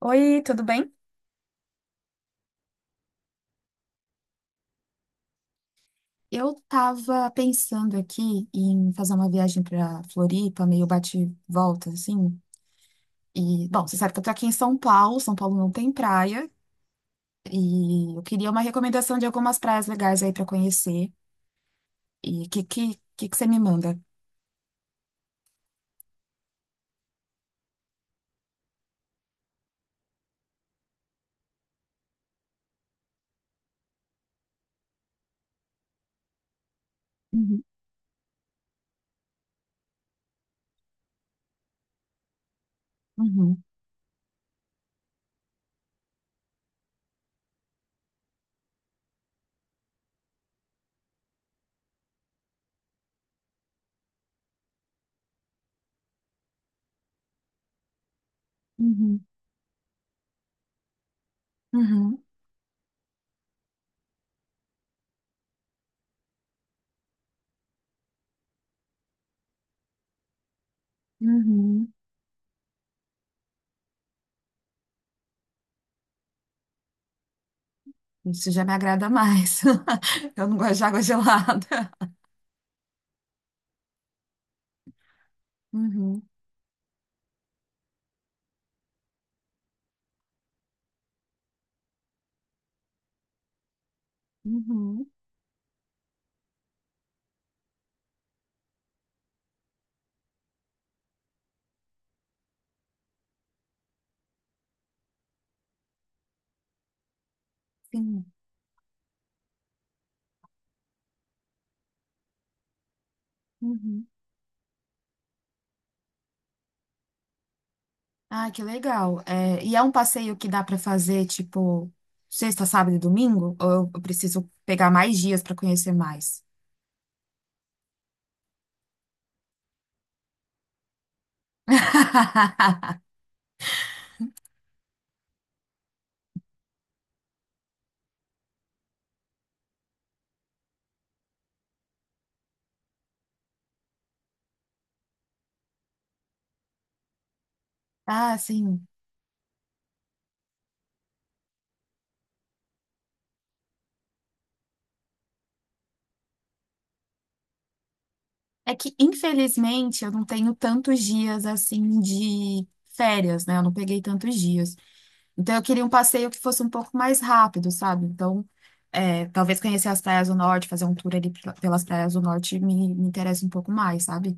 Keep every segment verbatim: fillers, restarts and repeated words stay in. Oi, tudo bem? Eu tava pensando aqui em fazer uma viagem pra Floripa, meio bate e volta, assim. E, bom, você sabe que eu tô aqui em São Paulo, São Paulo não tem praia, e eu queria uma recomendação de algumas praias legais aí pra conhecer. E o que, que, que, que você me manda? Uhum, uhum, uhum, uhum, uhum. Isso já me agrada mais. Eu não gosto de água gelada. Uhum, uhum, sim. Uhum. Ah, que legal. É, e é um passeio que dá para fazer, tipo, sexta, sábado e domingo? Ou eu eu preciso pegar mais dias para conhecer mais? Ah, sim. É que, infelizmente, eu não tenho tantos dias assim de férias, né? Eu não peguei tantos dias. Então, eu queria um passeio que fosse um pouco mais rápido, sabe? Então, é, talvez conhecer as praias do norte, fazer um tour ali pel- pelas praias do norte me, me interessa um pouco mais, sabe?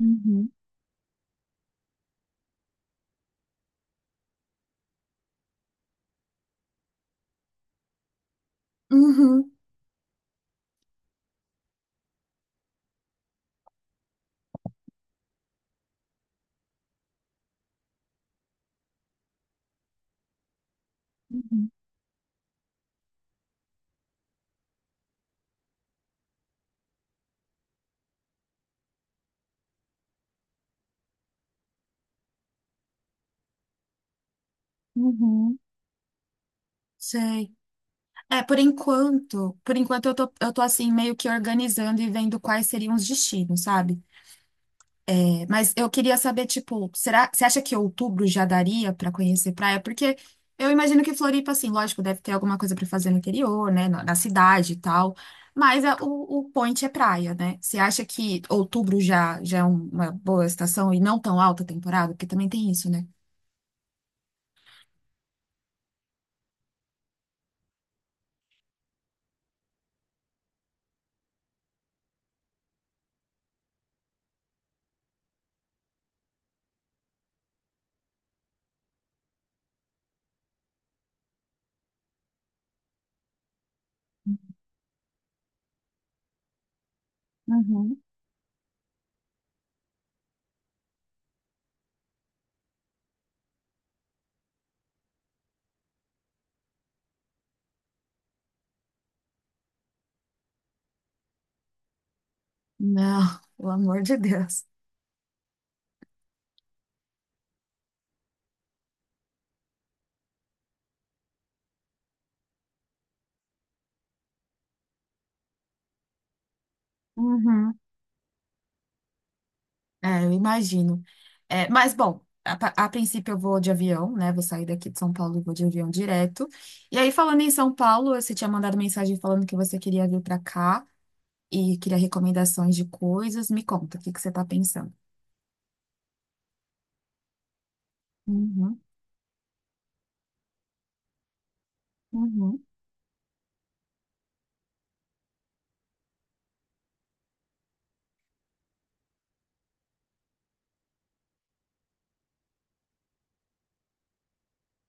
Uhum, uhum, uhum, uhum. Sei. É, por enquanto, por enquanto eu tô, eu tô assim, meio que organizando e vendo quais seriam os destinos, sabe? É, mas eu queria saber, tipo, será, você acha que outubro já daria pra conhecer praia? Porque eu imagino que Floripa, assim, lógico, deve ter alguma coisa pra fazer no interior, né? Na, na cidade e tal. Mas a- o, o point é praia, né? Você acha que outubro já, já é um- uma boa estação e não tão alta temporada? Porque também tem isso, né? Uhum. Não, pelo amor de Deus. Uhum. É, eu imagino. É, mas, bom, a, pa- a princípio eu vou de avião, né? Vou sair daqui de São Paulo e vou de avião direto. E aí, falando em São Paulo, você tinha mandado mensagem falando que você queria vir para cá e queria recomendações de coisas. Me conta, o que que você está pensando? Uhum, uhum,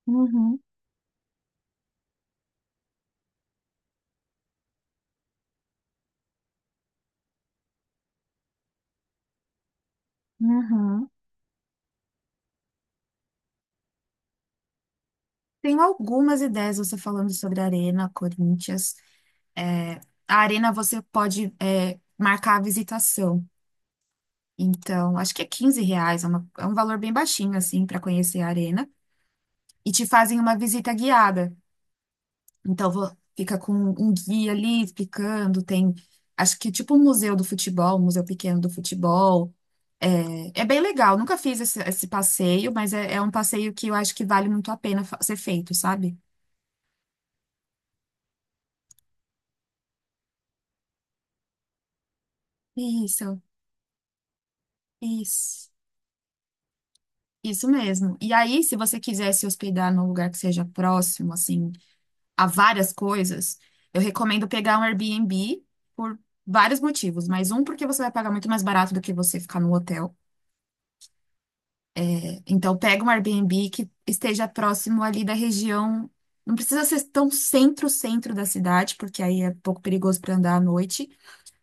uhum, uhum. Tenho algumas ideias você falando sobre a Arena, Corinthians. É, a Arena você pode, é, marcar a visitação. Então, acho que é quinze reais, é, uma- é um valor bem baixinho, assim, para conhecer a arena. E te fazem uma visita guiada. Então, vo- fica com um guia ali explicando. Tem, acho que é tipo um museu do futebol, um museu pequeno do futebol. É, é bem legal. Nunca fiz esse, esse passeio, mas é, é um passeio que eu acho que vale muito a pena fa- ser feito, sabe? Isso, isso, isso mesmo. E aí, se você quiser se hospedar num lugar que seja próximo, assim, a várias coisas, eu recomendo pegar um Airbnb por vários motivos, mas um porque você vai pagar muito mais barato do que você ficar no hotel. Então pega um Airbnb que esteja próximo ali da região. Não precisa ser tão centro-centro da cidade, porque aí é um pouco perigoso para andar à noite,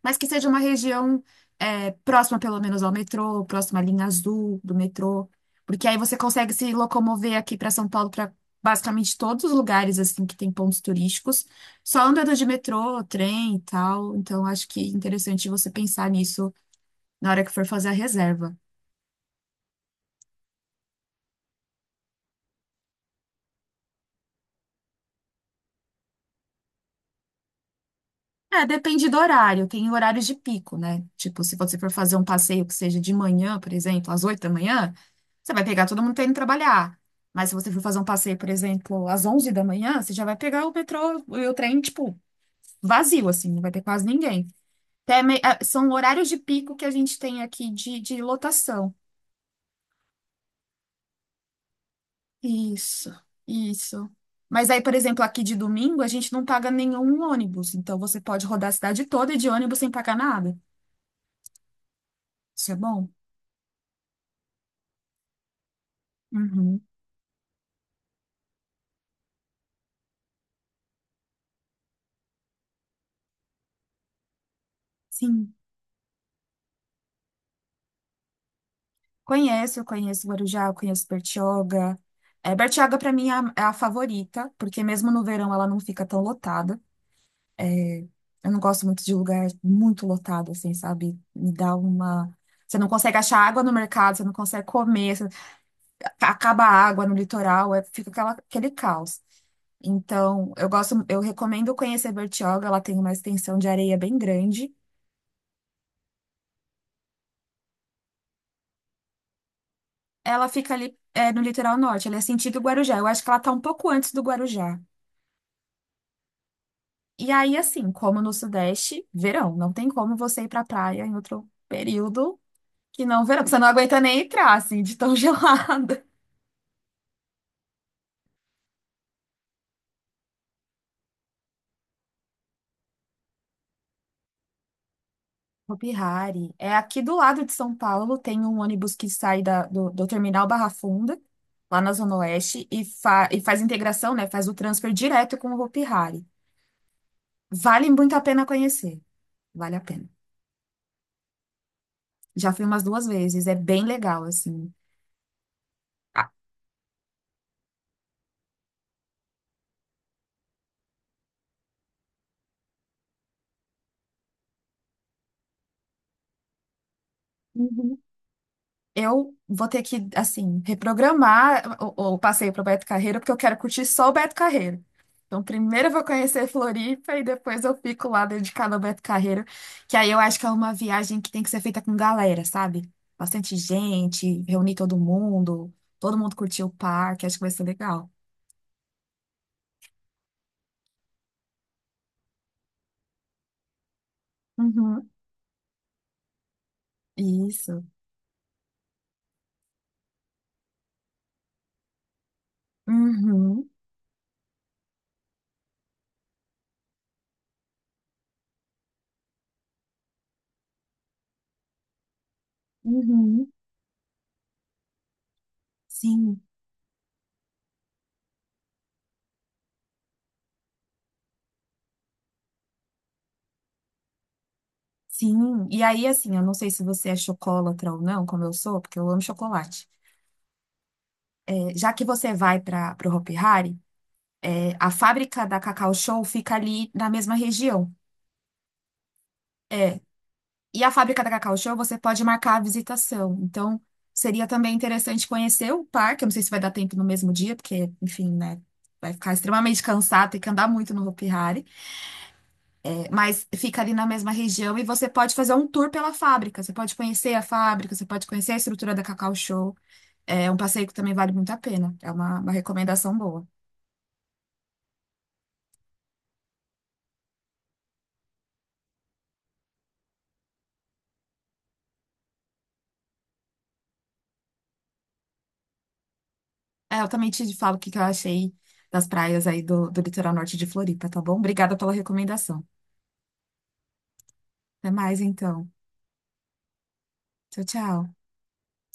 mas que seja uma região é, próxima, pelo menos, ao metrô, próxima à linha azul do metrô, porque aí você consegue se locomover aqui para São Paulo, para basicamente todos os lugares assim que tem pontos turísticos, só andando de metrô, trem e tal. Então, acho que é interessante você pensar nisso na hora que for fazer a reserva. É, depende do horário. Tem horários de pico, né? Tipo, se você for fazer um passeio que seja de manhã, por exemplo, às oito da manhã, você vai pegar todo mundo tendo que trabalhar. Mas se você for fazer um passeio, por exemplo, às onze da manhã, você já vai pegar o metrô e o trem, tipo, vazio, assim, não vai ter quase ninguém. Até me- ah, São horários de pico que a gente tem aqui de, de lotação. Isso, isso. Mas aí, por exemplo, aqui de domingo, a gente não paga nenhum ônibus. Então, você pode rodar a cidade toda de ônibus sem pagar nada. Isso é bom. Uhum. Sim, conheço, eu conheço Guarujá, eu conheço Bertioga. É, Bertioga para mim é a, é a favorita, porque mesmo no verão ela não fica tão lotada. Eu não gosto muito de lugar muito lotado, assim, sabe? Me dá uma. Você não consegue achar água no mercado, você não consegue comer, você- acaba a água no litoral, é- fica aquela- aquele caos. Então, eu gosto, eu recomendo conhecer Bertioga, ela tem uma extensão de areia bem grande. Ela fica ali, é, no litoral norte, ela é sentido Guarujá. Eu acho que ela tá um pouco antes do Guarujá. E aí, assim, como no Sudeste, verão. Não tem como você ir pra praia em outro período que não verão. Porque você não aguenta nem entrar, assim, de tão gelada. Hopi Hari. É aqui do lado de São Paulo, tem um ônibus que sai da- do, do terminal Barra Funda, lá na Zona Oeste, e, fa- e faz integração, né? Faz o transfer direto com o Hopi Hari. Vale muito a pena conhecer. Vale a pena. Já fui umas duas vezes, é bem legal, assim. Ah, uhum. Eu vou ter que, assim, reprogramar o, o passeio para o Beto Carreiro, porque eu quero curtir só o Beto Carreiro. Então, primeiro eu vou conhecer Floripa e depois eu fico lá dedicada ao Beto Carreiro, que aí eu acho que é uma viagem que tem que ser feita com galera, sabe? Bastante gente, reunir todo mundo, todo mundo curtir o parque, acho que vai ser legal. Uhum, isso. Uhum, uhum. Sim, sim. E aí, assim, eu não sei se você é chocolatra ou não, como eu sou, porque eu amo chocolate. Já que você vai para o Hopi Hari, é, a fábrica da Cacau Show fica ali na mesma região. É. E a fábrica da Cacau Show você pode marcar a visitação. Então, seria também interessante conhecer o parque. Eu não sei se vai dar tempo no mesmo dia, porque, enfim, né? Vai ficar extremamente cansado, tem que andar muito no Hopi Hari. É, mas fica ali na mesma região e você pode fazer um tour pela fábrica. Você pode conhecer a fábrica, você pode conhecer a estrutura da Cacau Show. É um passeio que também vale muito a pena. É uma uma recomendação boa. É, eu também te falo o que que eu achei das praias aí do, do litoral norte de Floripa, tá bom? Obrigada pela recomendação. Até mais, então. Tchau, tchau.